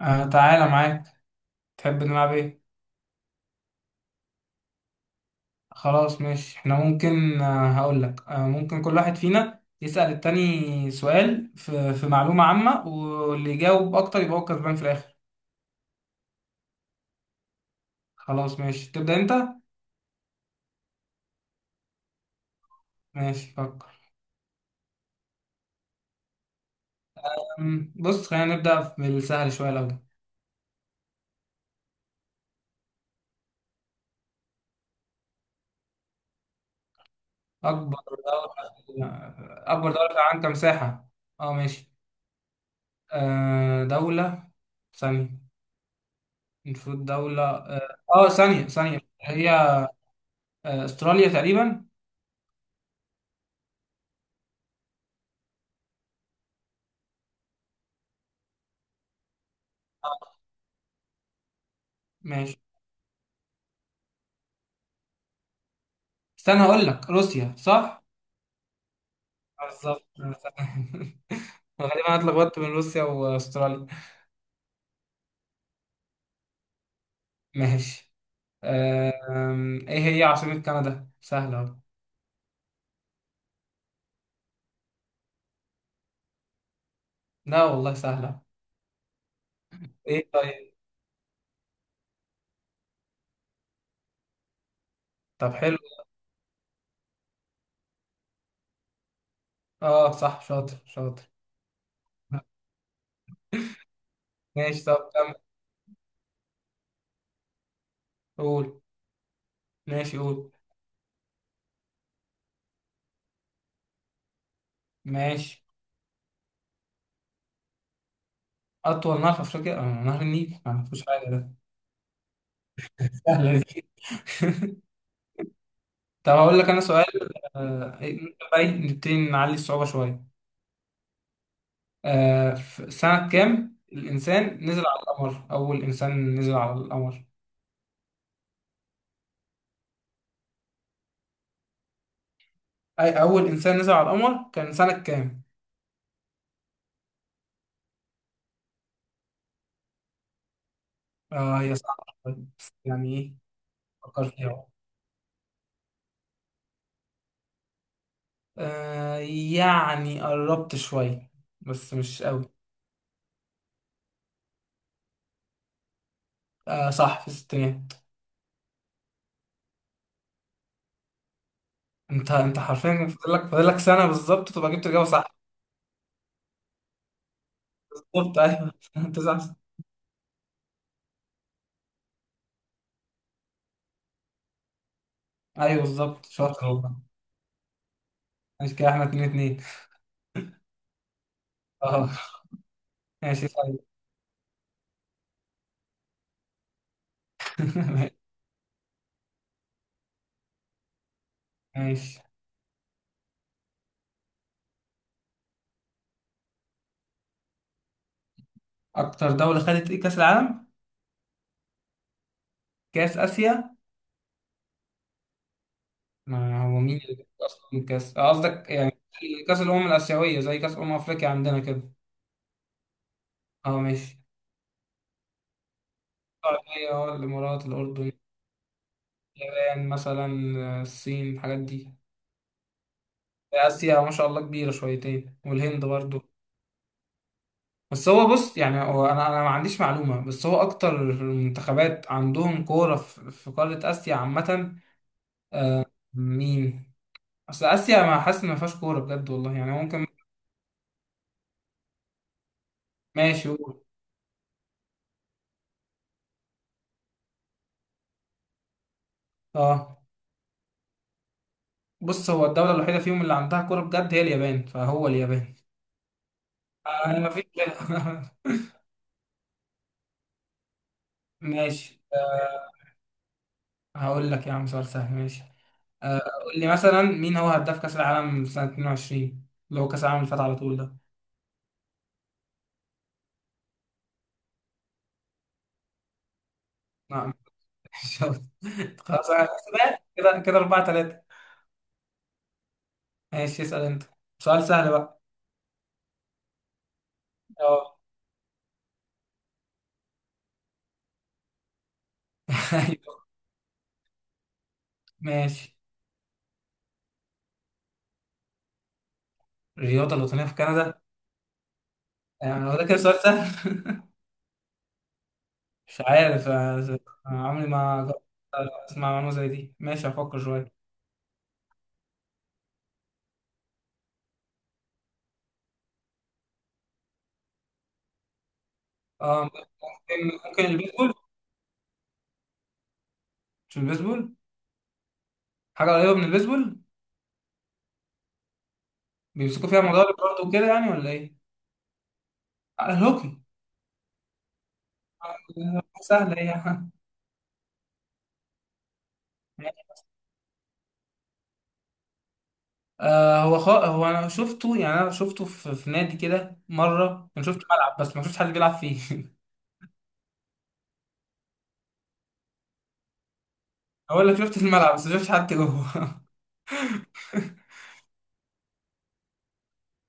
آه، تعالى معاك. تحب نلعب ايه؟ خلاص ماشي، احنا ممكن هقول لك ممكن كل واحد فينا يسأل التاني سؤال في معلومة عامة، واللي يجاوب اكتر يبقى هو كسبان في الاخر. خلاص ماشي، تبدأ انت. ماشي، فكر. بص، خلينا نبدأ بالسهل شوية الاول. اكبر دولة في العالم كمساحة. اه ماشي. دولة ثانية، المفروض دولة اه ثانية ثانية هي استراليا تقريبا. آه، ماشي، استنى هقول لك روسيا، صح؟ بالظبط. تمام. غالبا انا اتلخبطت بين روسيا واستراليا. ماشي. ايه هي عاصمة كندا؟ سهلة أهو. لا والله، سهلة. ايه؟ طيب. طب، حلو. اه صح، شاطر شاطر. ماشي، طب كمل. قول. ماشي، قول. ماشي. أطول نهر في أفريقيا نهر النيل، ما فيهوش حاجة ده. سهلة دي. طب، هقول لك أنا سؤال. آه، إيه، بقى نبتدي نعلي الصعوبة شوية. في سنة كام الإنسان نزل على القمر؟ أول إنسان نزل على القمر. أي أول إنسان نزل على القمر كان سنة كام؟ هي صعبة شوية، بس يعني إيه. فكر فيها. آه يعني قربت شوية، بس مش قوي. آه صح، في الستينات. أنت حرفيا، فاضل لك سنة بالظبط تبقى جبت الإجابة صح. بالظبط أيوه. تسع سنين. أيوه بالظبط، شاطر والله. ماشي، كده إحنا اتنين اتنين. أه. ماشي طيب. ماشي. أكتر دولة خدت إيه، كأس العالم؟ كاس اسيا. ما هو مين اللي بياخد اصلا كاس، قصدك يعني كاس الامم الاسيويه زي كاس افريقيا عندنا كده. اه ماشي. السعوديه، الامارات، الاردن، اليابان مثلا، الصين، الحاجات دي. اسيا ما شاء الله كبيره شويتين، والهند برضو. بس هو بص، يعني هو انا ما عنديش معلومه، بس هو اكتر المنتخبات عندهم كوره في قاره اسيا عامه. مين؟ اصل اسيا ما حاسس إن ما فيهاش كوره بجد والله، يعني ممكن. ماشي، قول. اه بص، هو الدولة الوحيدة فيهم اللي عندها كورة بجد هي اليابان، فهو اليابان. أنا مفيش غيرها. ماشي. هقول لك يا عم سؤال سهل، ماشي، قول لي مثلا مين هو هداف كأس العالم سنة 22، اللي هو كأس العالم اللي فات على طول ده. نعم. شاطر. خلاص، أنا حسبات كده كده 4-3. ماشي، اسأل أنت. سؤال سهل بقى. اه. أيوه. ماشي. الرياضة الوطنية في كندا. يعني هو ده كده سؤال سهل؟ مش عارف. عمري ما جربت أسمع معلومة زي دي. ماشي، هفكر شوية. اه، ممكن البيسبول. مش البيسبول. حاجة قريبة من البيسبول. بيمسكوا فيها موضوع البرد وكده، يعني، ولا ايه؟ آه، الهوكي. سهلة ايه يعني. هو انا شفته في نادي كده مرة، انا شفت ملعب بس ما شفتش حد بيلعب فيه. اقول لك شفت الملعب بس ما شفتش حد جوه.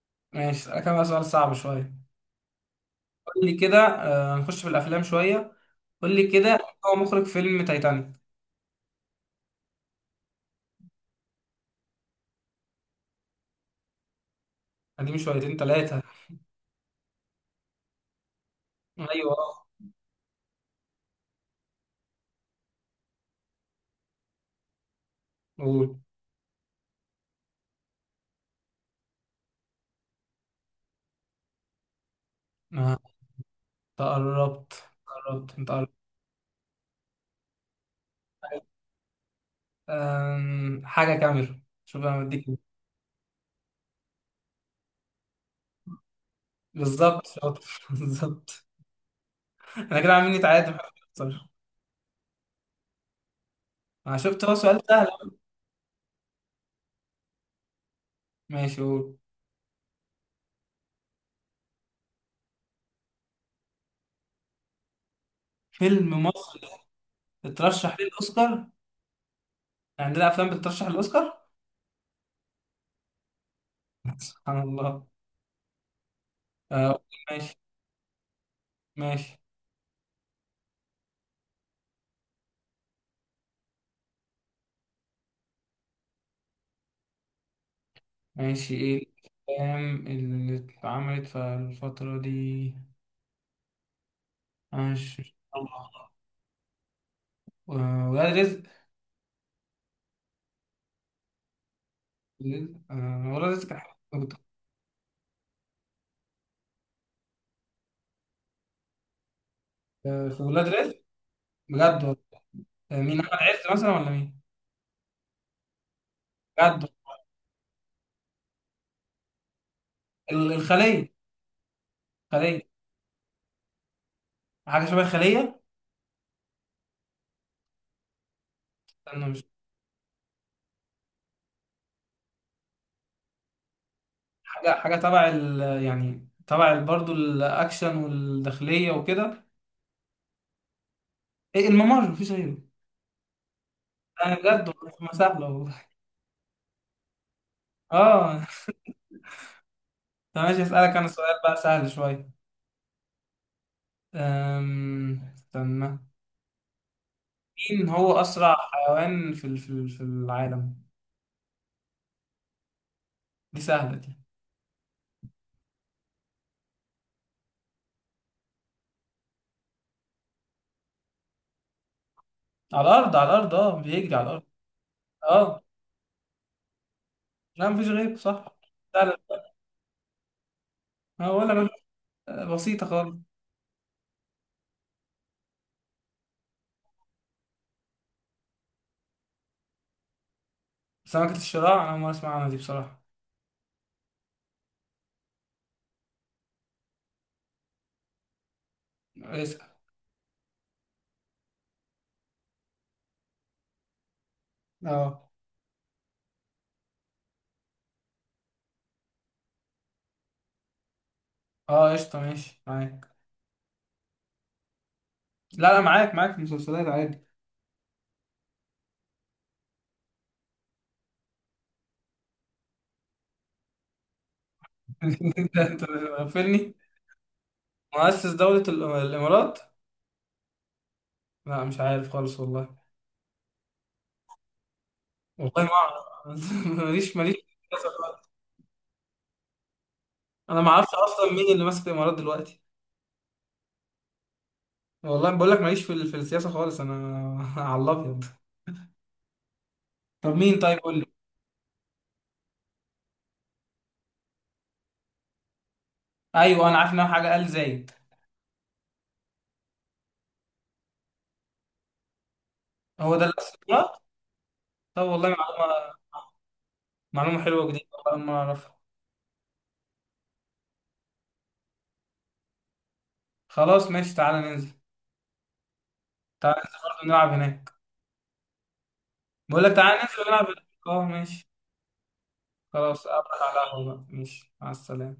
ماشي، كان بقى سؤال صعب شوية. قول لي كده، نخش في الافلام شوية. قول لي كده، هو مخرج فيلم تايتانيك؟ قديم شويتين ثلاثة. ايوه، قول. آه، انت قربت قربت، انت قربت. حاجة كاميرا، شوف أنا بديك إيه. بالظبط شاطر، بالظبط. أنا كده عاملين نتعادل. صح. أنا شفت هو سؤال سهل. ماشي، قول. فيلم مصري اترشح للأوسكار؟ عندنا أفلام بتترشح للأوسكار؟ سبحان الله. آه، ماشي ماشي ماشي، إيه الأفلام اللي اتعملت في الفترة دي؟ ماشي. ولاد رزق. ولاد رزق كان. حلو. في ولاد رزق، بجد والله. مين، أحمد عز مثلا، ولا مين؟ بجد. الخلية. خلية. حاجة شبه الخلية. أنا مش. حاجة تبع ال، يعني تبع ال- برضو الأكشن والداخلية وكده. إيه، الممر مفيش غيره. أنا بجد والله ما سهلة والله. آه. طب ماشي، أسألك أنا سؤال بقى سهل شوية. استنى، مين هو أسرع حيوان في العالم؟ دي سهلة دي. على الأرض، على الأرض، بيجري على الأرض. آه لا، مفيش غيره، صح. سهلة. ولا بل- بسيطة خالص. سمكة الشراع أنا ما أسمع عنها دي بصراحة. اه اه، قشطة، ماشي معاك. لا لا، معاك معاك في المسلسلات عادي. انت مغفلني. مؤسس دولة الامارات. لا مش عارف خالص والله. والله ما اعرف. ماليش ماليش في السياسة خالص انا. ما اعرفش اصلا مين اللي ماسك الامارات دلوقتي. والله بقول لك ماليش في السياسة خالص انا. على الابيض. طب مين طيب قول لي. ايوه، انا عارف ان هو حاجة ال زايد. هو ده اللي ماسك الامارات. طب والله، معلومة. معلومة حلوة جديدة، والله ما اعرفها. خلاص ماشي، تعالى ننزل. تعالى ننزل برضه نلعب هناك. بقول لك تعالى ننزل نلعب. اه ماشي. خلاص، أقابلك على القهوة بقى، ماشي، مع السلامة.